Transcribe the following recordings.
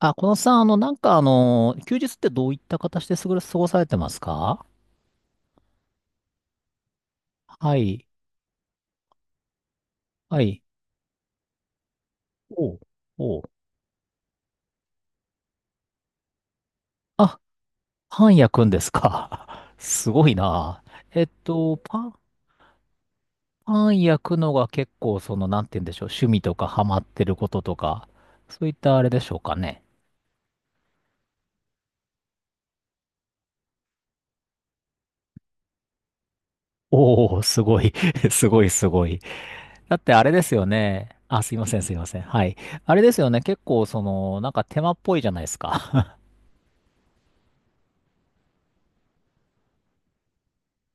あ、このさん、あの、なんかあの、休日ってどういった形で過ごされてますか？はい。はい。おう。おう。あ、パン焼くんですか？すごいな。えっと、パン、パン焼くのが結構、その、なんて言うんでしょう。趣味とかハマってることとか、そういったあれでしょうかね。おお、すごい。すごい、すごい。だってあれですよね。あ、すいません、すいません。はい。あれですよね。結構、その、なんか手間っぽいじゃないですか。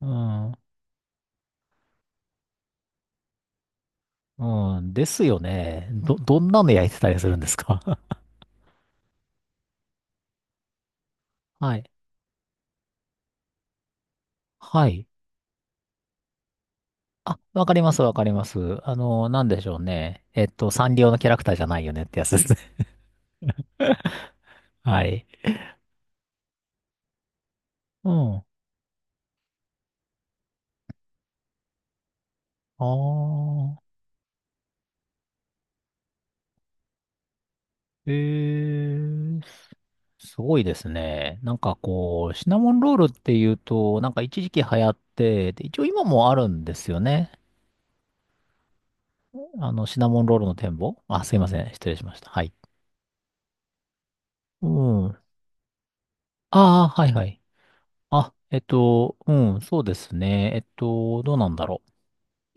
うん。うん、ですよね。どんなの焼いてたりするんですか？ はい。はい。あ、わかります、わかります。あの、なんでしょうね。サンリオのキャラクターじゃないよねってやつですね。はい。うん。ああ。えー、すごいですね。なんかこう、シナモンロールっていうと、なんか一時期流行って、で、一応今もあるんですよね。あの、シナモンロールの展望あ、すいません。失礼しました。はい。うん。ああ、はいはい。あ、うん、そうですね。どうなんだろ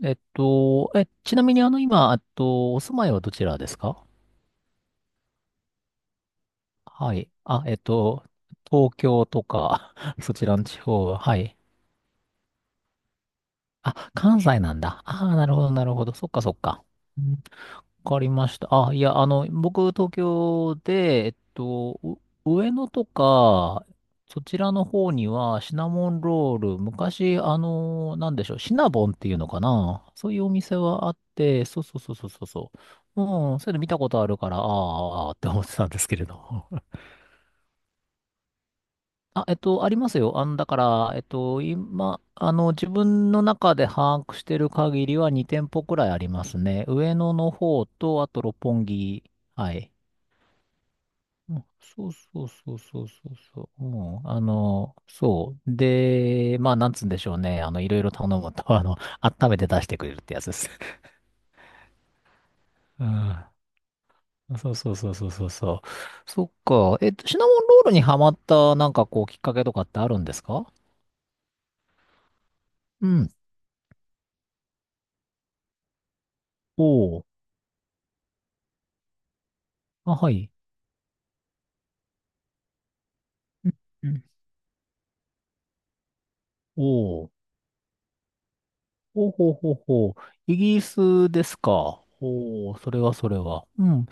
う。え、ちなみにあの、今、お住まいはどちらですか？はい。あ、東京とか、そちらの地方は、はい。あ、関西なんだ。ああ、なるほど、なるほど。そっか、そっか。わかりました。あ、いや、あの、僕、東京で、上野とか、そちらの方には、シナモンロール、昔、あの、なんでしょう、シナボンっていうのかな？そういうお店はあって、そうそうそうそうそうそう。うん、それいうの見たことあるから、あーあー、って思ってたんですけれども。あ、ありますよ。あの、だから、今、あの、自分の中で把握してる限りは2店舗くらいありますね。上野の方と、あと六本木。はい。うんそうそうそうそうそうそう。うん、あの、そう。で、まあ、なんつうんでしょうね。あの、いろいろ頼むと、あの、温めて出してくれるってやつです。うん。そうそうそうそうそうそう。そっか。シナモンロールにハマった、なんかこう、きっかけとかってあるんですか？うん。おお。あ、はい。うんうんおお。ほうほうほうほう。イギリスですか？おお、それはそれは。うん。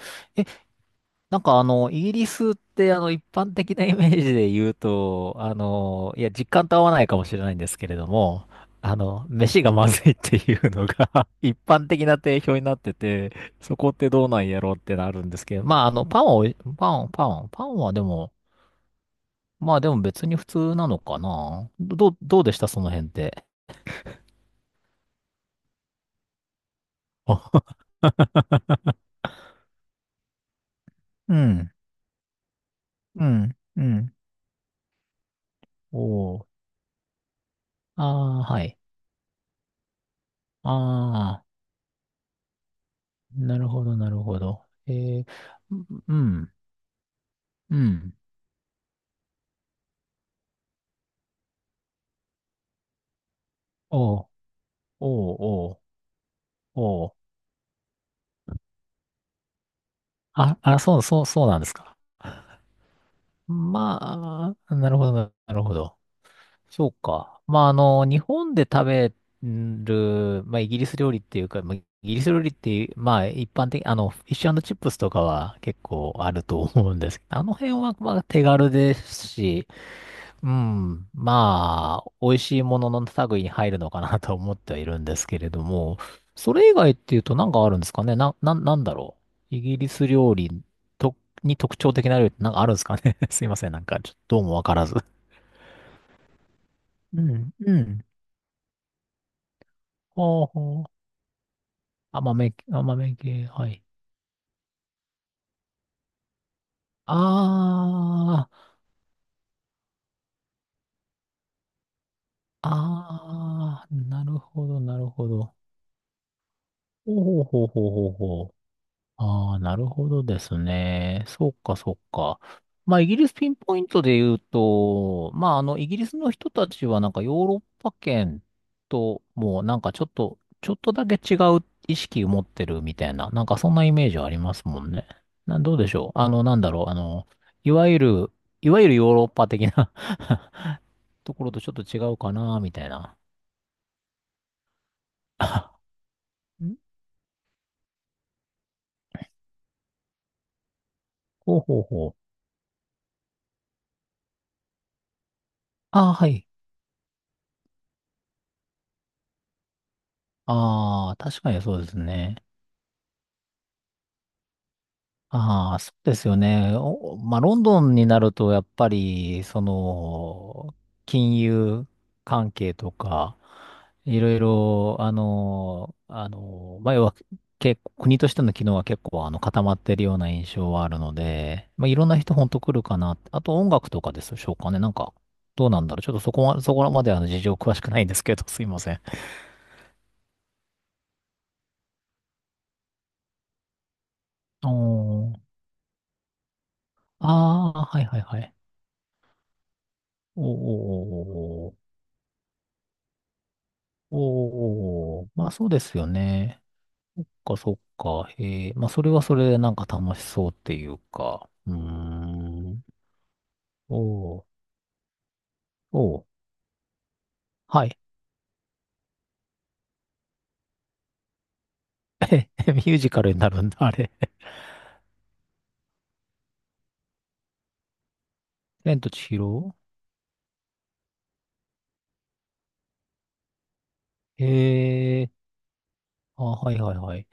なんかあの、イギリスってあの、一般的なイメージで言うと、あの、いや、実感と合わないかもしれないんですけれども、あの、飯がまずいっていうのが 一般的な定評になってて、そこってどうなんやろうってなるんですけど、まああの、パンを、パンはでも、まあでも別に普通なのかな。どうでしたその辺って？あうん、うん、うん。おー。ああ、はい。ああ。なるほど、なるほど。えー、うん、うん。おう、おう、おう、おう。あ、あ、そう、そう、そうなんですか？まあ、なるほど、なるほど。そうか。まあ、あの、日本で食べる、まあ、イギリス料理っていうか、まあ、イギリス料理っていう、まあ、一般的、あの、フィッシュチップスとかは結構あると思うんですけど、あの辺は、まあ、手軽ですし、うん。まあ、美味しいものの類に入るのかなと思ってはいるんですけれども、それ以外っていうと何かあるんですかねなんだろう。イギリス料理と、に特徴的な料理って何かあるんですかね？ すいません。なんか、ちょっとどうもわからず。うん、うん。ほうほう。甘め、甘め系、はい。あー、あー、なるほど、なるほど。ほうほうほうほうほうほう。ああ、なるほどですね。そうか、そうか。まあ、イギリスピンポイントで言うと、まあ、あの、イギリスの人たちはなんかヨーロッパ圏ともうなんかちょっと、ちょっとだけ違う意識を持ってるみたいな、なんかそんなイメージはありますもんね。な、どうでしょう。あの、なんだろう。あの、いわゆる、いわゆるヨーロッパ的な ところとちょっと違うかな、みたいな。んほうほうほう。ああ、はい。ああ、確かにそうですね。ああ、そうですよね。おまあ、ロンドンになると、やっぱり、その、金融関係とか、いろいろ、あの、あの、まあ、要は、結構、国としての機能は結構、あの、固まってるような印象はあるので、まあ、いろんな人ほんと来るかなって。あと、音楽とかでしょうかね。なんか、どうなんだろう。ちょっとそこは、そこまで、あの、事情詳しくないんですけど、すいません。おー。ああ、はいはいはい。おーおーおーおー、まあそうですよね。そっか、そっか。へえ、まあそれはそれでなんか楽しそうっていうか。うーん。おー、おー、はい。ミュージカルになるんだ、あれ。千と千尋へえ、あ、はいはいはい。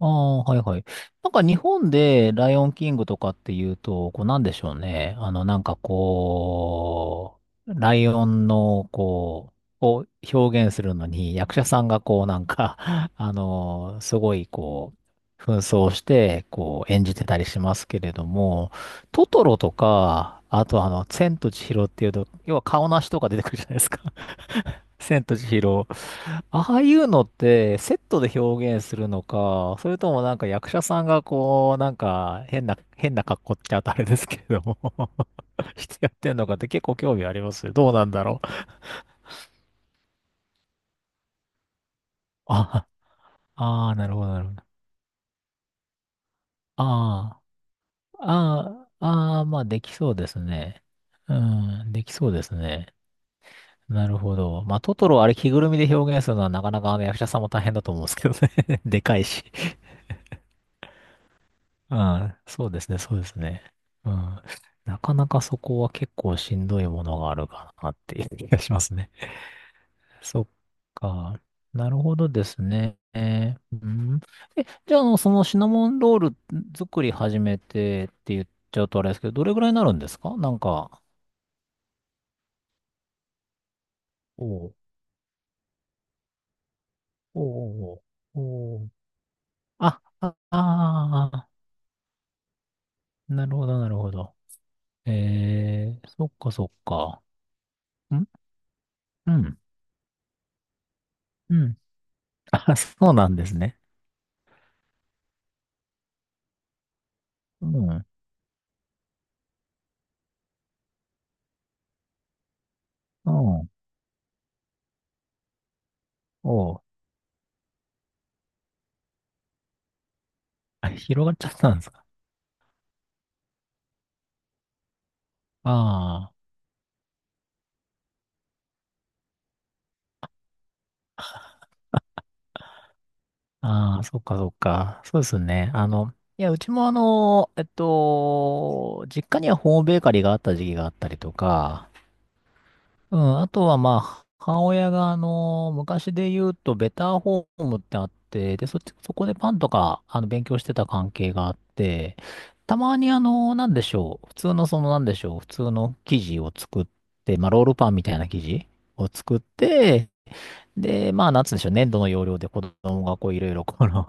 ああ、はいはい。なんか日本でライオンキングとかっていうと、こうなんでしょうね。あの、なんかこう、ライオンのこう、を表現するのに役者さんがこうなんか、あの、すごいこう、紛争して、こう演じてたりしますけれども、トトロとか、あとあの、千と千尋っていうと、要は顔なしとか出てくるじゃないですか。千と千尋。ああいうのってセットで表現するのか、それともなんか役者さんがこう、なんか変な、変な格好って言っちゃうとあれですけれども してやってんのかって結構興味ありますよ。どうなんだろう。あ、ああ、なるほど、なるほど。ああ、ああ、ああ、まあできそうですね。うん、できそうですね。なるほど。まあトトロあれ着ぐるみで表現するのはなかなかあの役者さんも大変だと思うんですけどね。でかいしああ、そうですね、そうですね。うん。なかなかそこは結構しんどいものがあるかなっていう気がしますね。そっか。なるほどですね。えーうん。え、じゃあ、あの、そのシナモンロール作り始めてって言っちゃうとあれですけど、どれぐらいになるんですかなんか？おうおうおうおうあ、ああー、なるほど、なるほど。えー、そっかそっか。んうん。うん。あ、そうなんですね。うん。うん。おう。あ、広がっちゃったんですか？ああ、ああ、そっかそっか。そうですね。あの、いや、うちもあの、実家にはホームベーカリーがあった時期があったりとか、うん、あとはまあ、母親があの、昔で言うと、ベターホームってあって、で、そっち、そこでパンとか、あの、勉強してた関係があって、たまにあの、なんでしょう、普通のその、なんでしょう、普通の生地を作って、まあ、ロールパンみたいな生地を作って、で、まあ、なんつうんでしょうね、粘土の要領で子供がこう、いろいろこの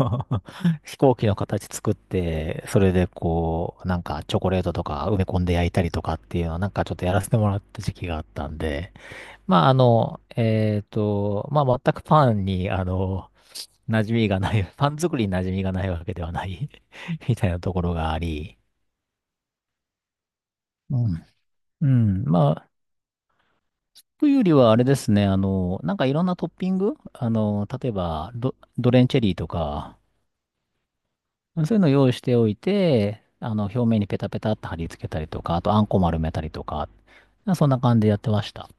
飛行機の形作って、それでこう、なんかチョコレートとか埋め込んで焼いたりとかっていうのをなんかちょっとやらせてもらった時期があったんで、まあ、あの、まあ、全くパンに、あの、馴染みがない、パン作りに馴染みがないわけではない みたいなところがあり、うん。うん。まあ、というよりはあれですね、あの、なんかいろんなトッピング、あの、例えばドレンチェリーとか、そういうのを用意しておいて、あの、表面にペタペタって貼り付けたりとか、あと、あんこ丸めたりとか、そんな感じでやってました。